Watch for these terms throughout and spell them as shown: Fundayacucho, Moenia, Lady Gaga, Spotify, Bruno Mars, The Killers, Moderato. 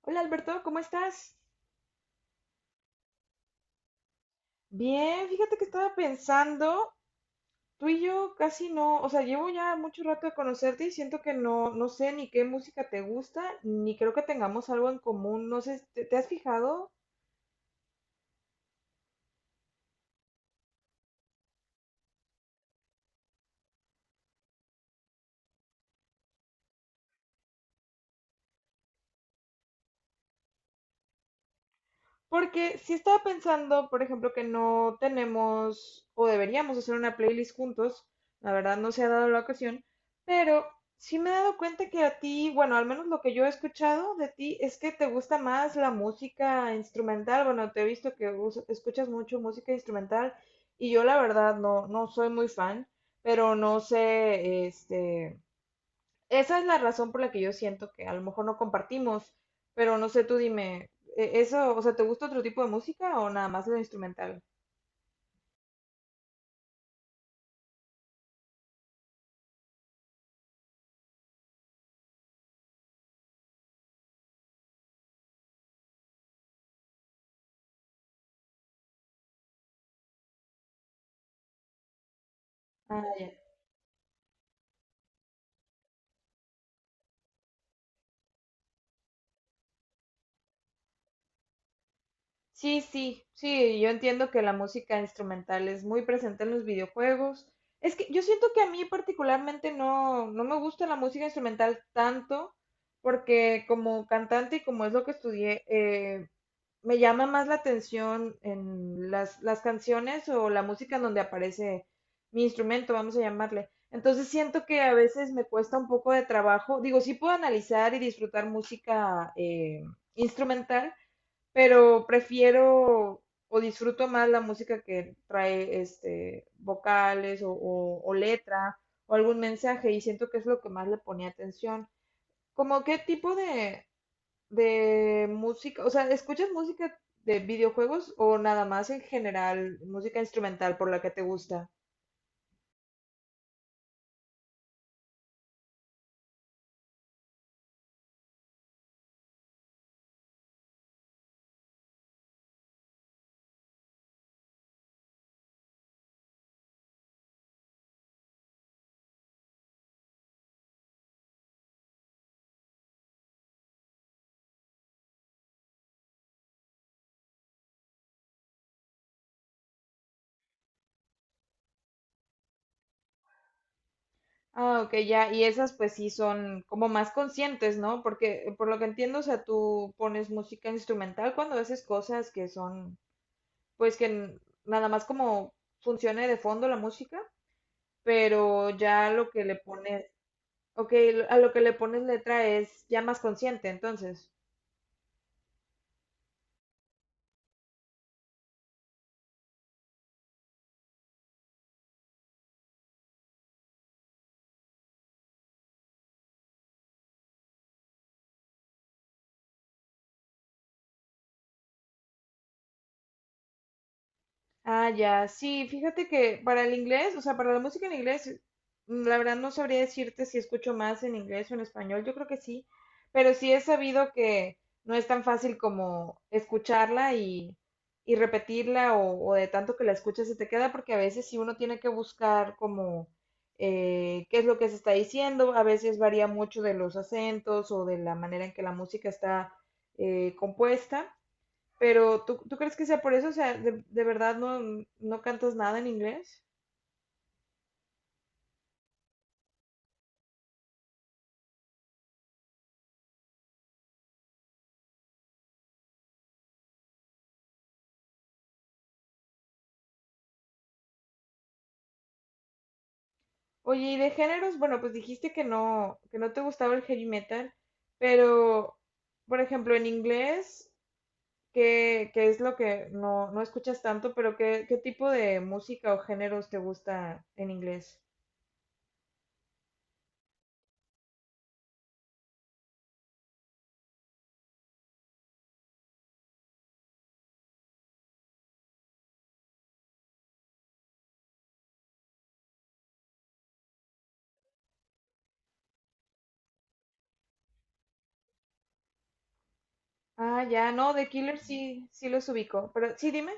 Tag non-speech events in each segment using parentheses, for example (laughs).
Hola Alberto, ¿cómo estás? Bien, fíjate que estaba pensando, tú y yo casi no, o sea, llevo ya mucho rato de conocerte y siento que no sé ni qué música te gusta, ni creo que tengamos algo en común, no sé, ¿te has fijado? Porque si estaba pensando, por ejemplo, que no tenemos o deberíamos hacer una playlist juntos, la verdad no se ha dado la ocasión, pero sí me he dado cuenta que a ti, bueno, al menos lo que yo he escuchado de ti es que te gusta más la música instrumental, bueno, te he visto que escuchas mucho música instrumental y yo la verdad no soy muy fan, pero no sé, Esa es la razón por la que yo siento que a lo mejor no compartimos, pero no sé, tú dime, ¿eso, o sea, te gusta otro tipo de música o nada más lo instrumental? Ah, ya. Sí, sí, sí, yo entiendo que la música instrumental es muy presente en los videojuegos. Es que yo siento que a mí particularmente no me gusta la música instrumental tanto, porque como cantante y como es lo que estudié, me llama más la atención en las canciones o la música en donde aparece mi instrumento, vamos a llamarle. Entonces siento que a veces me cuesta un poco de trabajo. Digo, sí puedo analizar y disfrutar música instrumental, pero prefiero o disfruto más la música que trae este vocales o letra o algún mensaje y siento que es lo que más le ponía atención. ¿Cómo qué de música, o sea, ¿escuchas música de videojuegos o nada más en general, música instrumental por la que te gusta? Ah, ok, ya, y esas pues sí son como más conscientes, ¿no? Porque por lo que entiendo, o sea, tú pones música instrumental cuando haces cosas que son, pues nada más como funcione de fondo la música, pero ya lo que le pones, ok, a lo que le pones letra es ya más consciente, entonces. Ah, ya, sí, fíjate que para el inglés, o sea, para la música en inglés, la verdad no sabría decirte si escucho más en inglés o en español, yo creo que sí, pero sí he sabido que no es tan fácil como escucharla y repetirla o de tanto que la escuchas se te queda, porque a veces sí uno tiene que buscar como qué es lo que se está diciendo, a veces varía mucho de los acentos o de la manera en que la música está compuesta. Pero ¿tú crees que sea por eso? O sea, de verdad no, no cantas nada en inglés. Oye, y de géneros, bueno, pues dijiste que que no te gustaba el heavy metal, pero, por ejemplo, en inglés, ¿qué es lo que no, no escuchas tanto? Pero ¿qué tipo de música o géneros te gusta en inglés? Ah, ya, no, The Killer sí, sí los ubico, pero sí, dime.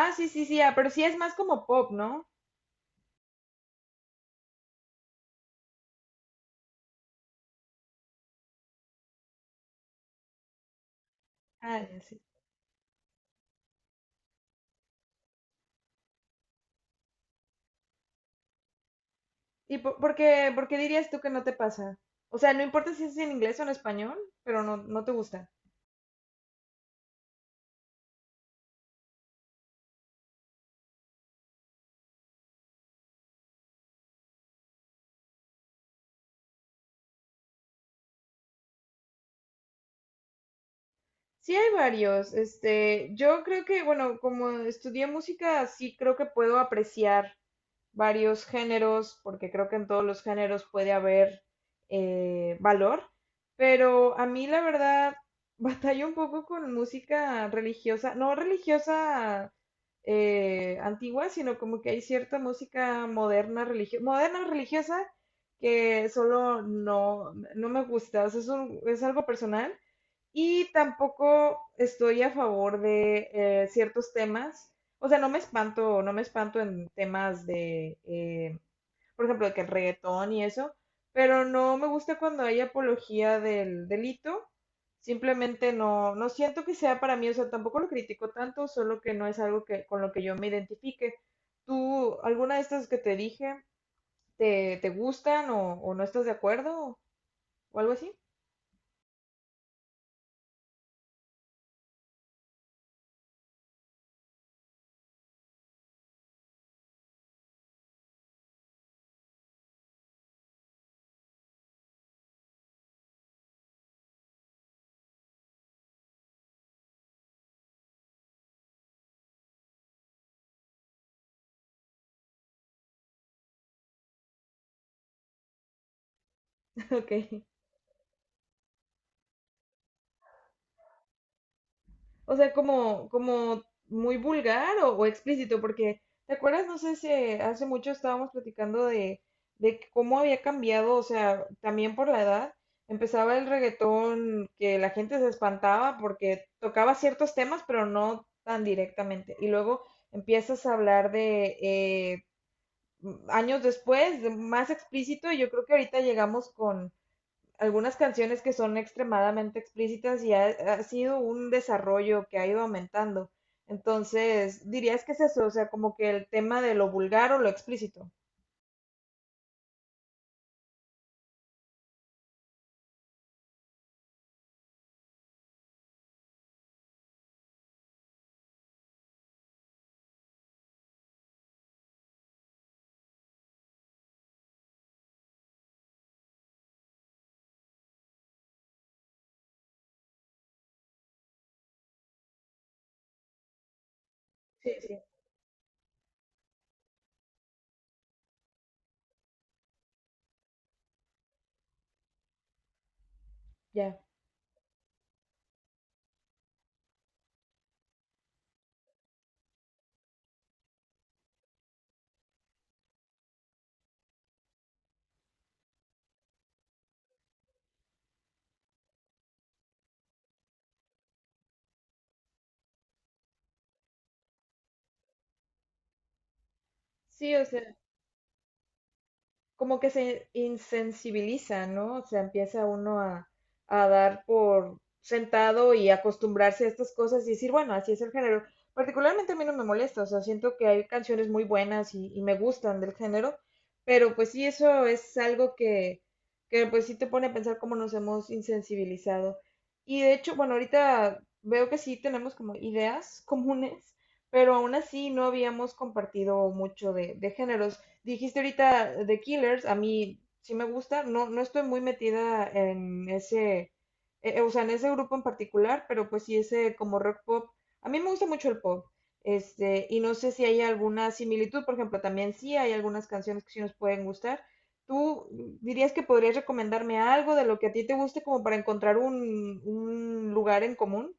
Ah, sí, sí, sí, ah, pero sí es más como pop, ¿no? Ah, ya, sí, ¿Y por qué, ¿por qué dirías tú que no te pasa? O sea, no importa si es en inglés o en español, pero no, no te gusta. Sí, hay varios. Este, yo creo que, bueno, como estudié música, sí creo que puedo apreciar varios géneros, porque creo que en todos los géneros puede haber valor. Pero a mí, la verdad, (laughs) batallo un poco con música religiosa, no religiosa antigua, sino como que hay cierta música moderna, moderna religiosa que solo no, no me gusta. O sea, es algo personal. Y tampoco estoy a favor de ciertos temas. O sea, no me espanto, no me espanto en temas de, por ejemplo, de que el reggaetón y eso, pero no me gusta cuando hay apología del delito. Simplemente no, no siento que sea para mí, o sea, tampoco lo critico tanto, solo que no es algo que, con lo que yo me identifique. ¿Tú, alguna de estas que te dije, te gustan o no estás de acuerdo o algo así? (laughs) Ok. O sea, como muy vulgar o explícito, porque, ¿te acuerdas? No sé si hace mucho estábamos platicando de que cómo había cambiado, o sea, también por la edad. Empezaba el reggaetón que la gente se espantaba porque tocaba ciertos temas, pero no tan directamente. Y luego empiezas a hablar de años después, de más explícito, y yo creo que ahorita llegamos algunas canciones que son extremadamente explícitas y ha sido un desarrollo que ha ido aumentando. Entonces, dirías que es eso, o sea, como que el tema de lo vulgar o lo explícito. Sí, sí. Ya. Sí, o sea, como que se insensibiliza, ¿no? O sea, empieza uno a dar por sentado y acostumbrarse a estas cosas y decir, bueno, así es el género. Particularmente a mí no me molesta, o sea, siento que hay canciones muy buenas y me gustan del género, pero pues sí, eso es algo que pues sí te pone a pensar cómo nos hemos insensibilizado. Y de hecho, bueno, ahorita veo que sí tenemos como ideas (laughs) comunes, pero aún así no habíamos compartido mucho de géneros. Dijiste ahorita The Killers, a mí sí me gusta, no, no estoy muy metida en ese, o sea, en ese grupo en particular, pero pues sí ese como rock pop. A mí me gusta mucho el pop, este, y no sé si hay alguna similitud, por ejemplo, también sí hay algunas canciones que sí nos pueden gustar. ¿Tú dirías que podrías recomendarme algo de lo que a ti te guste como para encontrar un lugar en común?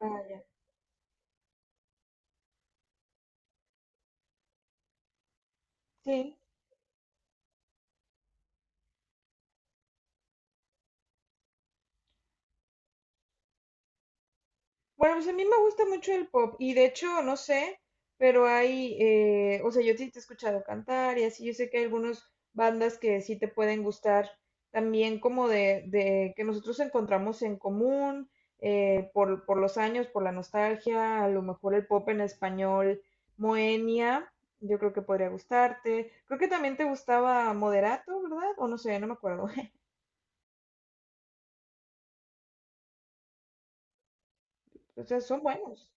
Ah, ya. Sí. Bueno, pues a mí me gusta mucho el pop y de hecho, no sé, pero hay, o sea, yo sí te he escuchado cantar y así, yo sé que hay algunas bandas que sí te pueden gustar también como de que nosotros encontramos en común por los años, por la nostalgia, a lo mejor el pop en español, Moenia, yo creo que podría gustarte. Creo que también te gustaba Moderato, ¿verdad? O no sé, no me acuerdo. (laughs) O sea, son buenos,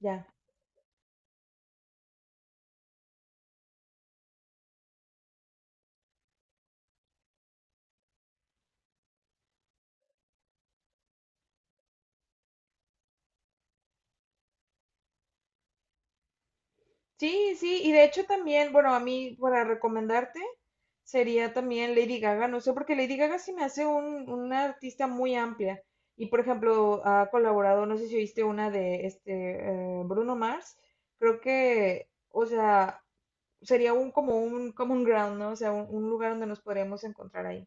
ya. Sí, sí, y de hecho también, bueno, a mí para recomendarte sería también Lady Gaga, no sé, porque Lady Gaga sí me hace una artista muy amplia. Y por ejemplo, ha colaborado, no sé si viste una de este Bruno Mars, creo que, o sea, sería un como un common ground, ¿no? O sea, un lugar donde nos podríamos encontrar ahí.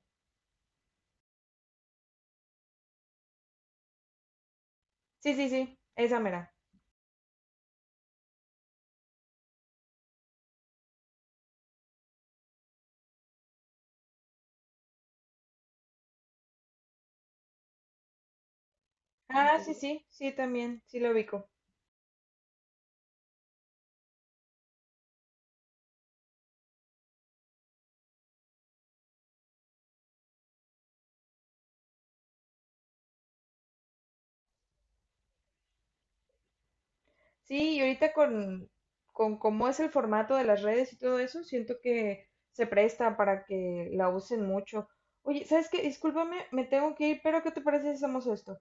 Sí, sí, sí, esa mera. Ah, sí, sí, sí, también, sí lo ubico. Sí, y ahorita con cómo es el formato de las redes y todo eso, siento que se presta para que la usen mucho. Oye, ¿sabes qué? Discúlpame, me tengo que ir, pero ¿qué te parece si hacemos esto?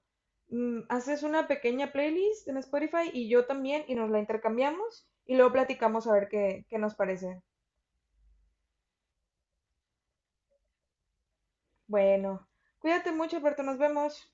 Haces una pequeña playlist en Spotify y yo también, y nos la intercambiamos y luego platicamos a ver qué nos parece. Bueno, cuídate mucho, Alberto, nos vemos.